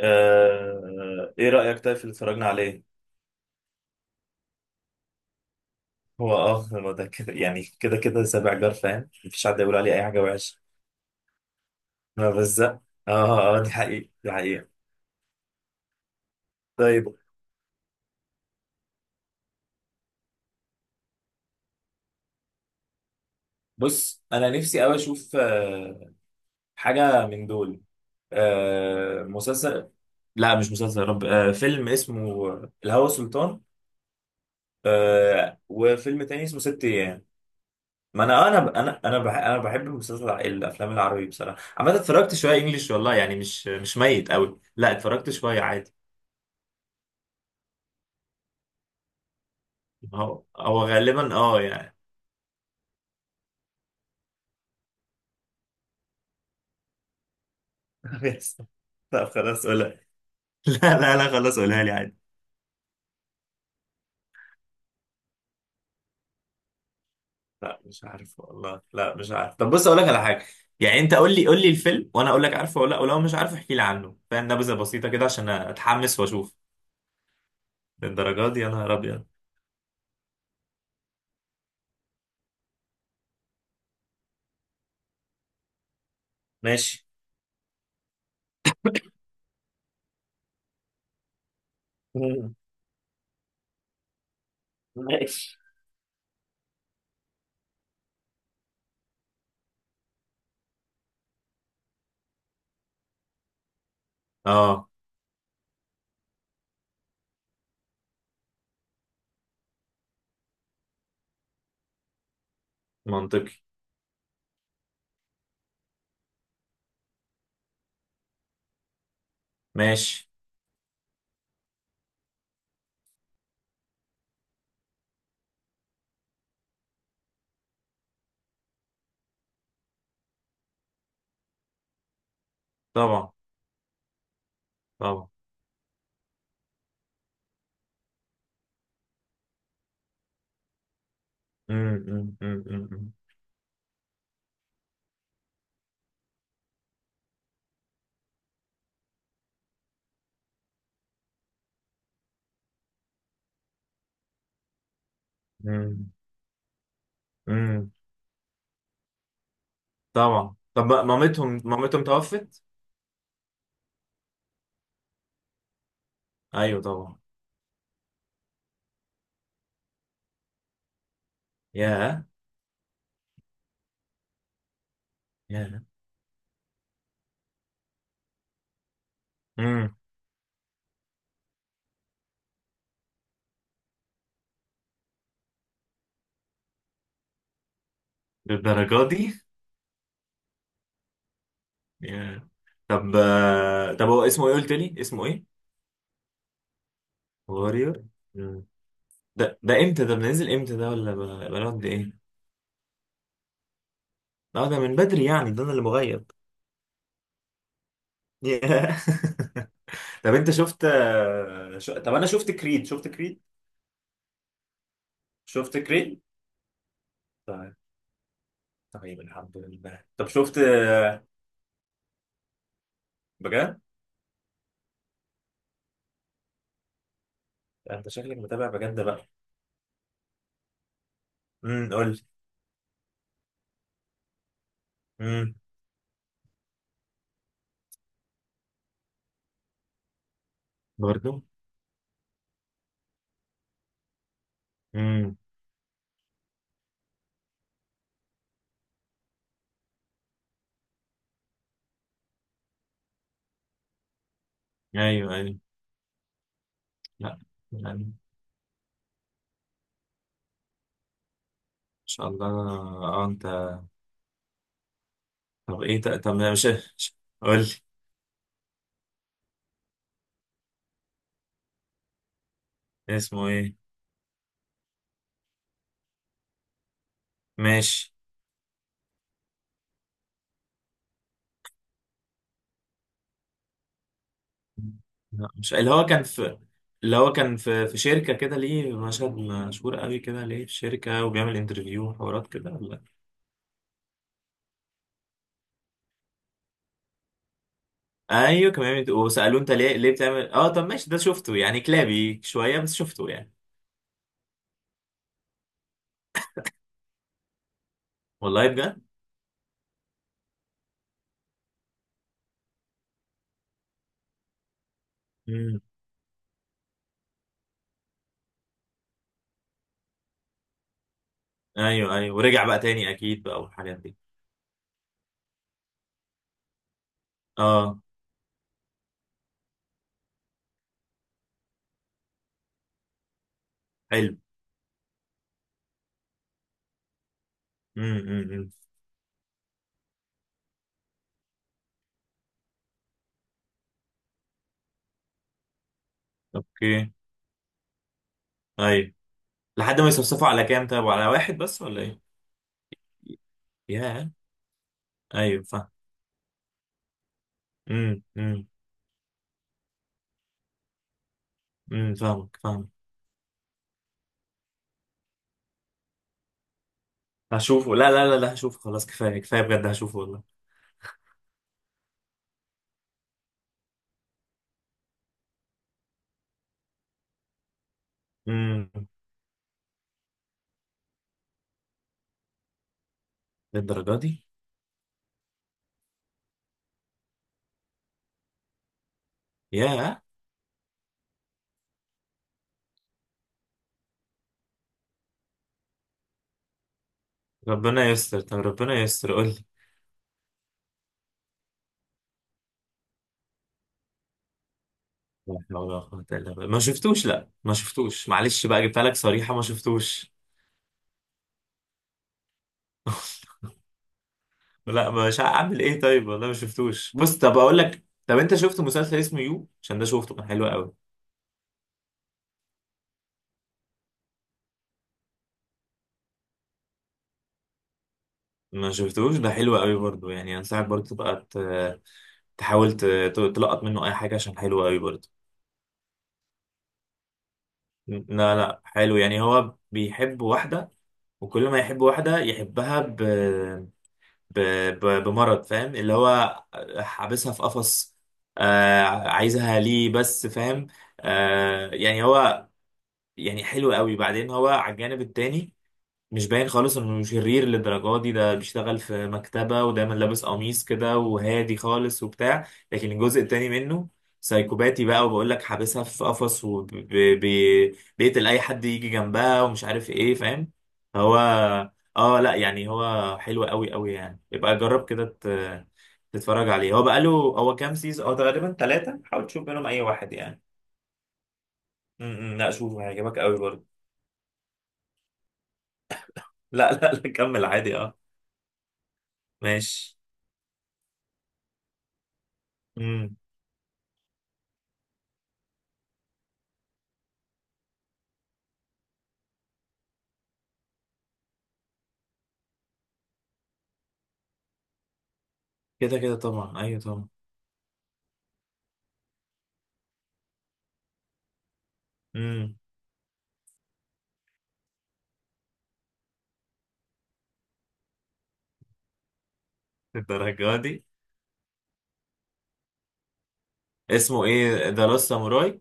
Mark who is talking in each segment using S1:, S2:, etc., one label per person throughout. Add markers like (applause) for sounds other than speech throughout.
S1: ايه رأيك طيب في اللي اتفرجنا عليه؟ هو ده كده يعني كده كده سابع جار، فاهم؟ مفيش حد يقول عليه اي حاجة وحشة. ما بزق اه. اه اه، دي حقيقة دي حقيقة. طيب. بص، انا نفسي قوي اشوف حاجة من دول. مسلسل. لا مش مسلسل يا رب. فيلم اسمه الهوى سلطان. وفيلم تاني اسمه ست ايام. ما انا آه، انا انا انا بح- انا بحب المسلسل الافلام العربي بصراحه، عامه اتفرجت شويه انجليش، والله يعني مش ميت قوي، لا اتفرجت شويه عادي. هو غالبا يعني. (laughs) بيحصل. لا خلاص قولها. (laughs) لا لا لا، خلاص قولها لي عادي. لا مش عارف والله، لا مش عارف. طب بص اقول لك على حاجه. يعني انت قول لي قول لي الفيلم وانا اقول لك عارفه ولا لا، ولو مش عارف احكي لي عنه، فاهم؟ نبذه بسيطه كده عشان اتحمس واشوف. للدرجه دي؟ يا نهار ابيض. ماشي. (laughs) مم. ماشي. اه. منطقي. ماشي. طبعا طبعا. مم، مم، مم، مم، مم، مم. طبعا. طب بقى مامتهم توفت؟ ايوه طبعا. ياه. ياه. امم. للدرجة دي؟ ياه. طب هو اسمه ايه قلت لي؟ اسمه ايه؟ واريور. مم. ده امتى ده بننزل امتى، ده ولا بنقعد ايه؟ لا ده من بدري يعني، ده انا اللي مغيب. ياه. (laughs) طب انت شفت آه، شو... طب انا شفت كريد، شفت كريد؟ شفت كريد؟ طيب. طيب الحمد لله. طب شفت بجد؟ انت شكلك متابع بجد بقى. قول لي. امم. برضو. امم. ايوه ايوه. لا يعني ان شاء الله. اه انت. طب ايه طب لا، مش- قول لي اسمه ايه. ماشي. لا مش اللي هو كان في، اللي هو كان في شركة كده، ليه مشهد مشهور قوي كده، ليه في شركة وبيعمل انترفيو وحوارات كده ولا؟ ايوه كان بيعمل وسألوه انت ليه بتعمل. اه طب ماشي، ده شفته يعني كلابي شوية، بس شفته يعني. والله. بجد. ايوه ايوه، ورجع بقى تاني اكيد بقى والحاجات دي. اه حلو. امم. إمم. اوكي. ايوه. لحد ما يصفصفوا، على كام طيب، على واحد بس ولا ايه؟ يا ايوه فاهم. امم. فاهمك فاهمك. هشوفه. لا لا لا لا، هشوفه خلاص، كفايه كفايه بجد، هشوفه والله. امم. للدرجه دي؟ يا ربنا يستر. طب ربنا يستر، قول لي. لا حول ولا قوة إلا بالله، ما شفتوش. لا ما شفتوش، معلش بقى، جبتها لك صريحة، ما شفتوش. (laughs) لا مش هعمل ايه، طيب والله ما شفتوش. مم. بص طب اقول لك. طب انت شفت مسلسل اسمه يو؟ عشان ده شفته، كان حلو قوي. ما شفتوش. ده حلو قوي برضو، يعني انصحك برضو تبقى تحاول تلقط منه اي حاجه عشان حلو قوي برضو. لا لا، حلو. يعني هو بيحب واحده، وكل ما يحب واحده يحبها ب... بمرض، فاهم؟ اللي هو حابسها في قفص. آه عايزها ليه بس، فاهم؟ يعني هو، يعني حلو قوي، بعدين هو على الجانب التاني. مش باين خالص انه شرير للدرجه دي. ده بيشتغل في مكتبة ودايما لابس قميص كده وهادي خالص وبتاع، لكن الجزء التاني منه سايكوباتي بقى، وبقول لك حابسها في قفص وبيقتل اي حد يجي جنبها ومش عارف ايه، فاهم؟ هو اه لا، يعني هو حلو قوي قوي، يعني يبقى جرب كده تتفرج عليه. هو بقاله، هو كام سيزون؟ هو تقريبا ثلاثة، حاول تشوف منهم اي واحد يعني. م- م، لا شوفه هيعجبك قوي برضه. (laughs) لا لا لا، كمل عادي. اه. ماشي. كده كده طبعا، ايوه طبعا. امم. الدرجة دي؟ اسمه ايه؟ ذا لاست ساموراي.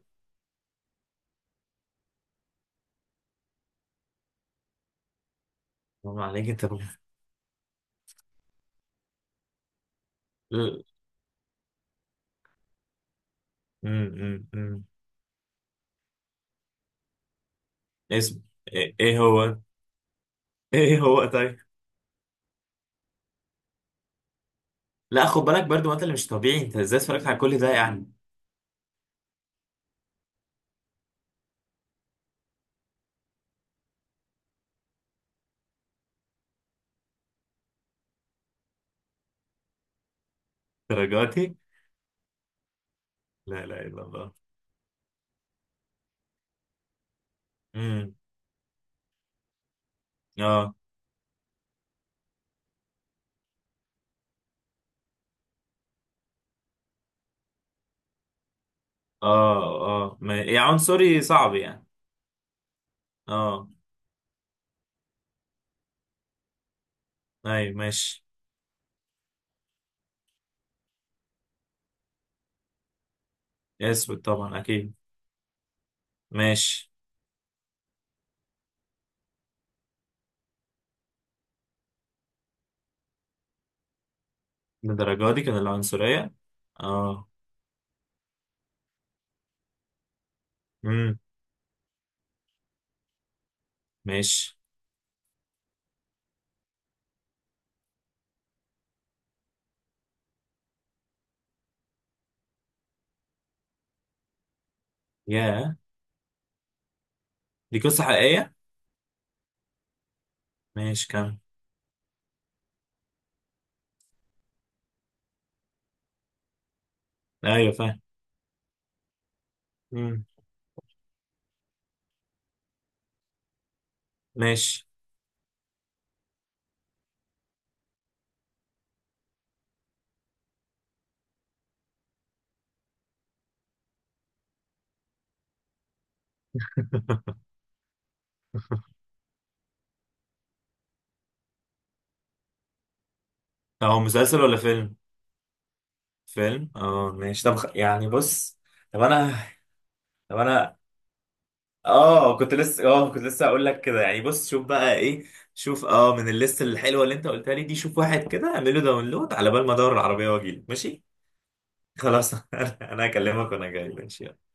S1: طبعا عليك انت. امم. امم. أمم. اسم. ايه؟ إيه هو؟ (laughs) ايه هو، طيب. لا خد بالك برضو، ما انت اللي مش طبيعي، انت ازاي اتفرجت على كل ده يعني؟ الدرجة دي؟ لا لا، الا الله. امم. اه اه اه. ما... يا عنصري، صعب يعني. اه. ايوه ماشي. اسود طبعا اكيد. ماشي. الدرجة دي كان العنصرية؟ اه. امم. ماشي. ياه. دي قصة حقيقية. ماشي كمل. ايوه فاهم. مم. ماشي (laughs) طب هو مسلسل ولا فيلم؟ فيلم، اه ماشي. طب يعني بص. طب انا. طب انا. كنت لسه هقول لك كده يعني، بص شوف بقى ايه. شوف، من الليست الحلوه اللي انت قلتها لي دي، شوف واحد كده اعمل له داونلود على بال ما ادور العربيه واجي، ماشي. خلاص. (laughs) انا هكلمك وانا جاي، ماشي.